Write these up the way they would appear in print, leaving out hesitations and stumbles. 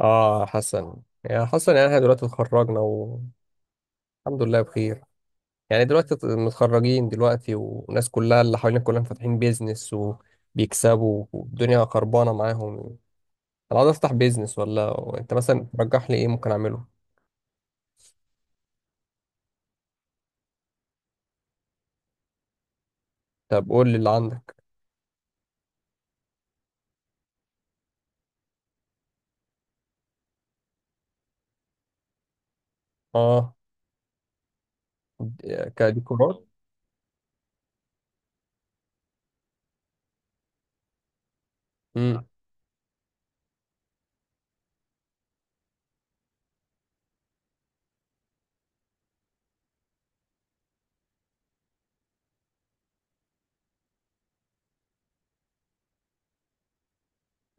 اه حسن، يا حسن، يعني احنا دلوقتي اتخرجنا والحمد لله بخير. يعني دلوقتي متخرجين دلوقتي، والناس كلها اللي حوالينا كلهم فاتحين بيزنس وبيكسبوا والدنيا خربانة معاهم. انا عاوز افتح بيزنس، ولا انت مثلا ترجح لي ايه ممكن اعمله؟ طب قول لي اللي عندك. اه، كديكورات. امم.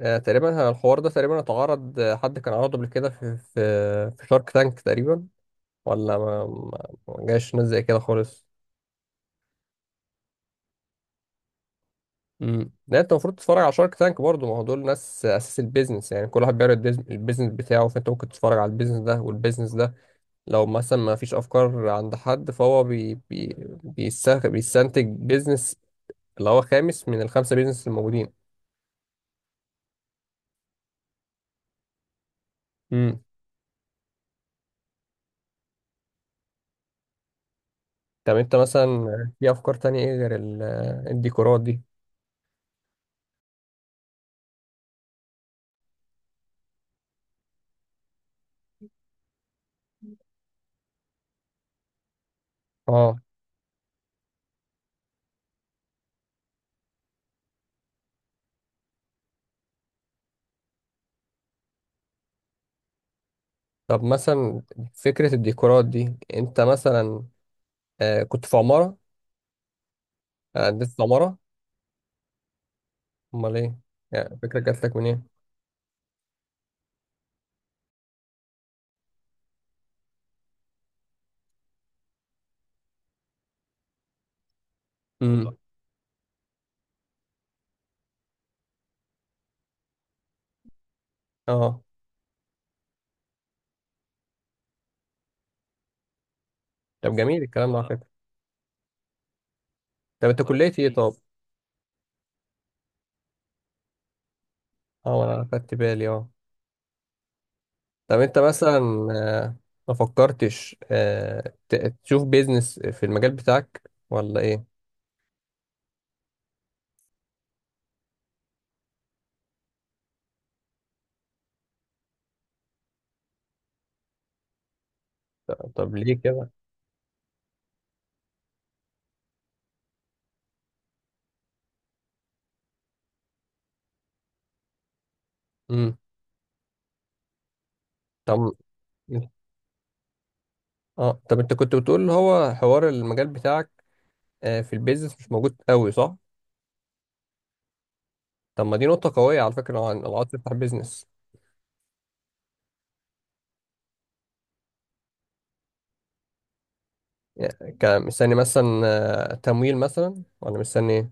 آه تقريبا الحوار ده تقريبا اتعرض، حد كان عرضه قبل كده في في شارك تانك تقريبا، ولا ما جاش ناس زي كده خالص. امم. لا، انت المفروض تتفرج على شارك تانك برضه، ما هو دول ناس اساس البيزنس، يعني كل واحد بيعرض البيزنس بتاعه، فانت ممكن تتفرج على البيزنس ده والبيزنس ده. لو مثلا ما فيش افكار عند حد فهو بي بيستنتج بيزنس، اللي هو خامس من الخمسه بيزنس الموجودين. امم. طب انت مثلا، في افكار تانية ايه غير الديكورات دي؟ اه. طب مثلا فكره الديكورات دي، انت مثلا كنت في عماره، قدمت في عماره؟ امال ايه، يعني فكره جات لك منين؟ امم. اه، طب جميل الكلام ده، على فكرة. طب انت كلية ايه؟ طب؟ اه، انا خدت بالي، اه. طب انت مثلا آه، ما فكرتش تشوف بيزنس في المجال بتاعك ولا ايه؟ طب ليه كده؟ امم. طب اه طب انت كنت بتقول اللي هو حوار المجال بتاعك في البيزنس مش موجود قوي، صح؟ طب ما دي نقطة قوية على فكرة، لو عايز تفتح بيزنس. يعني كمستني مثلا تمويل، مثلا ولا مستني ايه؟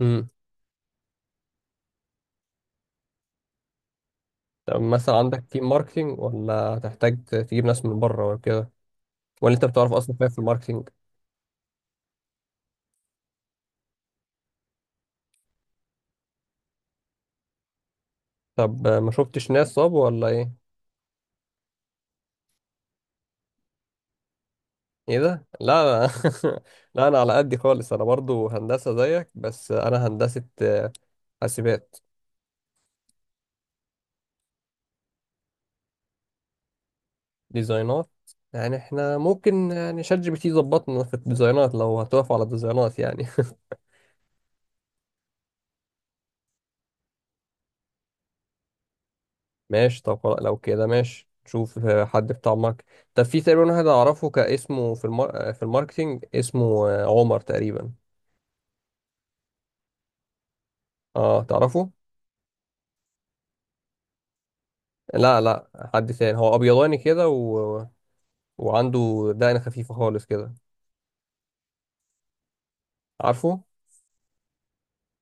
امم. طب مثلا عندك تيم ماركتينج، ولا تحتاج تجيب ناس من بره ولا كده؟ ولا انت بتعرف اصلا كيف في الماركتينج؟ طب ما شفتش ناس صاب، ولا ايه؟ ايه ده؟ لا. لا، انا على قدي خالص، انا برضو هندسة زيك، بس انا هندسة حاسبات. ديزاينات. يعني احنا ممكن يعني ChatGPT يظبطنا في الديزاينات، لو هتقف على الديزاينات يعني. ماشي، طب خلاص، لو كده ماشي، نشوف حد بتاع ماركت. طب في تقريبا واحد اعرفه كاسمه في في الماركتينج، اسمه عمر تقريبا. اه، تعرفه؟ لا، لا، حد تاني، هو ابيضاني كده وعنده دقن خفيفه خالص كده. عارفه؟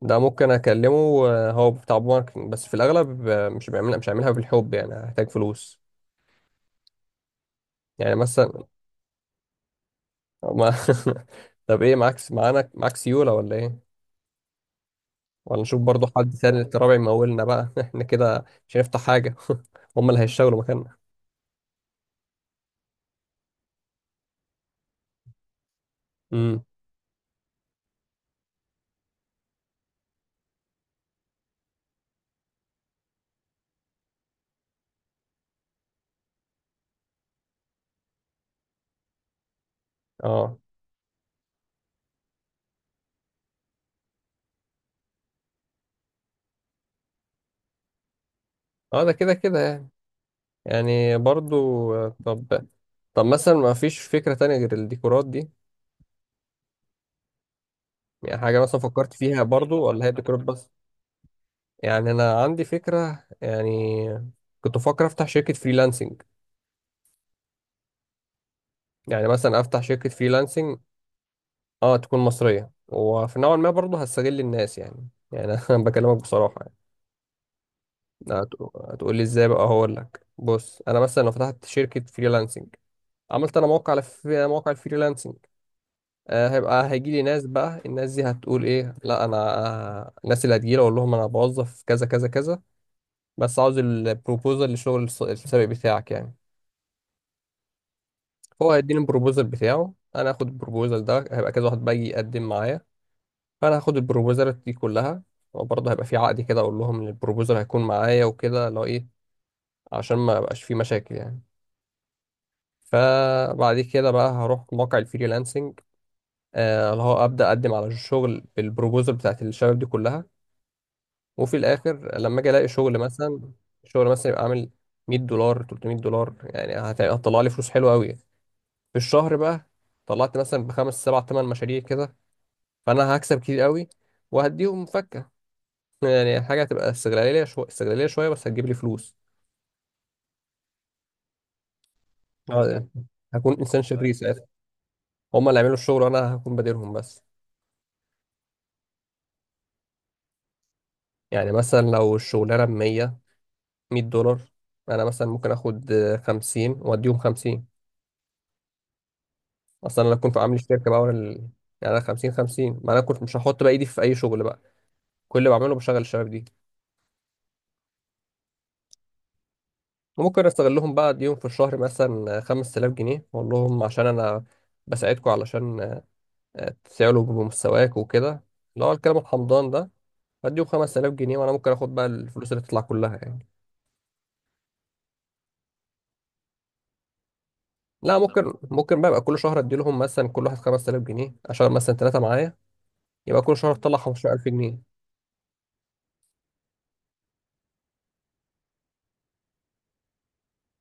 ده ممكن اكلمه، هو بتاع ماركتنج، بس في الاغلب مش هعملها بالحب، يعني هحتاج فلوس. يعني مثلا ما... طب ايه معاك سيوله، ولا ايه؟ ولا نشوف برضو حد تاني، الرابع، يمولنا بقى. احنا كده مش هنفتح حاجه. هم اللي هيشتغلوا مكاننا. امم، اه، اه، ده كده كده يعني. يعني برضو، آه، طب طب مثلا ما فيش فكرة تانية غير الديكورات دي. يعني حاجة مثلا فكرت فيها برضو، ولا هي ديكورات بس؟ يعني أنا عندي فكرة، يعني كنت بفكر أفتح شركة فريلانسنج. يعني مثلا أفتح شركة فريلانسنج. أه، تكون مصرية، وفي نوع ما برضو هستغل الناس، يعني أنا بكلمك بصراحة. يعني هتقول لي إزاي؟ بقى هقول لك، بص أنا مثلا لو فتحت شركة فريلانسنج، عملت أنا موقع في موقع الفريلانسنج، هيجي لي ناس، بقى الناس دي هتقول ايه؟ لا، انا الناس اللي هتجي لي اقول لهم انا بوظف كذا كذا كذا، بس عاوز البروبوزل للشغل السابق بتاعك يعني. هو هيديني البروبوزل بتاعه، انا هاخد البروبوزل ده، هيبقى كذا واحد بقى يجي يقدم معايا، فانا هاخد البروبوزلات دي كلها. وبرضه هيبقى في عقد كده، اقول لهم ان البروبوزل هيكون معايا وكده لو ايه، عشان ما يبقاش في مشاكل يعني. فبعد كده بقى هروح موقع الفريلانسنج، اللي هو ابدا اقدم على الشغل بالبروبوزل بتاعت الشباب دي كلها. وفي الاخر لما اجي الاقي شغل مثلا، يبقى عامل 100 دولار، 300 دولار، يعني هتطلع لي فلوس حلوه قوي في الشهر بقى. طلعت مثلا بخمس سبع ثمان مشاريع كده، فانا هكسب كتير قوي، وهديهم فكه. يعني حاجه هتبقى استغلاليه شويه، استغلاليه شويه، بس هتجيب لي فلوس. يعني هكون انسان شرير ساعتها. هما اللي يعملوا الشغل، وانا هكون بديرهم بس. يعني مثلا لو الشغلانه ب 100 دولار، انا مثلا ممكن اخد 50 واديهم 50. اصل انا لو كنت عامل الشركه بقى وانا يعني انا 50، ما انا كنت مش هحط بقى ايدي في اي شغل بقى، كل اللي بعمله بشغل الشباب دي. وممكن استغلهم بقى، اديهم في الشهر مثلا 5000 جنيه، واقول لهم عشان انا بساعدكم، علشان تسعلوا بمستواك وكده، اللي هو الكلام الحمضان ده. اديهم 5000 جنيه، وانا ممكن اخد بقى الفلوس اللي تطلع كلها يعني. لا، ممكن بقى يبقى كل شهر ادي لهم مثلا كل واحد 5000 جنيه، اشغل مثلا ثلاثه معايا، يبقى كل شهر تطلع 15000 جنيه.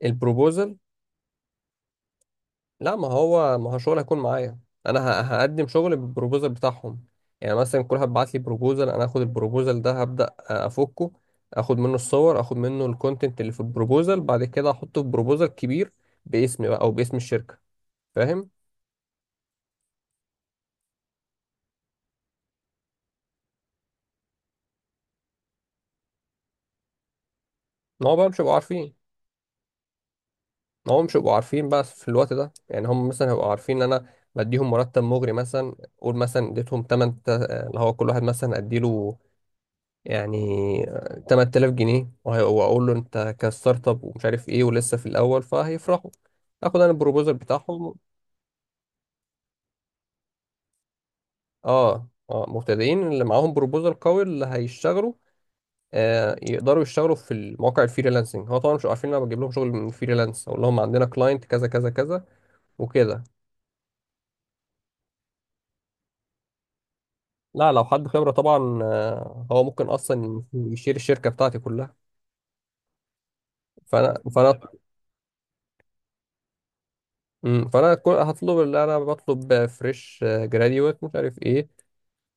البروبوزل. لا، ما هو شغل هيكون معايا، انا هقدم شغل بالبروبوزال بتاعهم. يعني مثلا كل واحد بعت لي بروبوزال، انا هاخد البروبوزال ده هبدا افكه، اخد منه الصور، اخد منه الكونتنت اللي في البروبوزال، بعد كده احطه في بروبوزال كبير باسمي بقى او باسم الشركه. فاهم؟ ما هو بقى مش هيبقوا عارفين، ما هو مش هيبقوا عارفين بقى في الوقت ده، يعني هم مثلا هيبقوا عارفين ان انا بديهم مرتب مغري، مثلا قول مثلا اديتهم 8، اللي هو كل واحد مثلا اديله يعني 8000 جنيه، واقول له انت كستارت اب ومش عارف ايه ولسه في الاول، فهيفرحوا، اخد انا البروبوزال بتاعهم. اه، اه، مبتدئين اللي معاهم بروبوزال قوي اللي هيشتغلوا، آه يقدروا يشتغلوا في المواقع الفريلانسنج، هو طبعا مش عارفين إن انا بجيب لهم شغل من فريلانس، اقول لهم عندنا كلاينت كذا كذا كذا وكده. لا، لو حد خبره طبعا آه هو ممكن اصلا يشيل الشركه بتاعتي كلها، فانا فانا فانا هطلب اللي انا بطلب فريش جراديويت مش عارف ايه،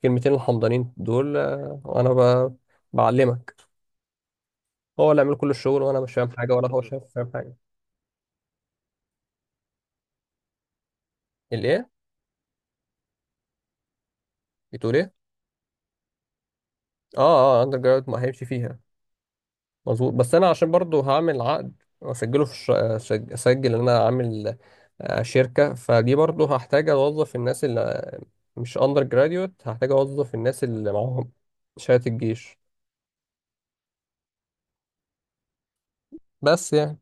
كلمتين الحمضانين دول، وانا بعلمك، هو اللي عامل كل الشغل وانا مش فاهم حاجه، ولا هو شايف فاهم حاجه. الايه؟ بتقول ايه؟ اه، اه، اندر جراوند ما هيمشي فيها. مظبوط، بس انا عشان برضو هعمل عقد واسجله في اسجل ان انا عامل شركه، فدي برضو هحتاج اوظف الناس اللي مش اندر جراديوت، هحتاج اوظف الناس اللي معاهم شهاده الجيش، بس يعني.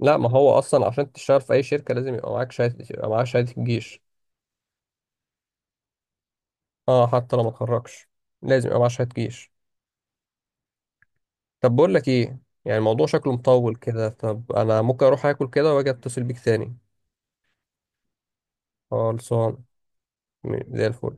لا، ما هو اصلا عشان تشتغل في اي شركه لازم يبقى معاك شهاده، يبقى معاك شهاده الجيش. اه، حتى لو ما اتخرجش، لازم يبقى معاه شهادة جيش. طب بقول لك ايه، يعني الموضوع شكله مطول كده، طب انا ممكن اروح اكل كده واجي اتصل بيك تاني. خلصان. زي الفل.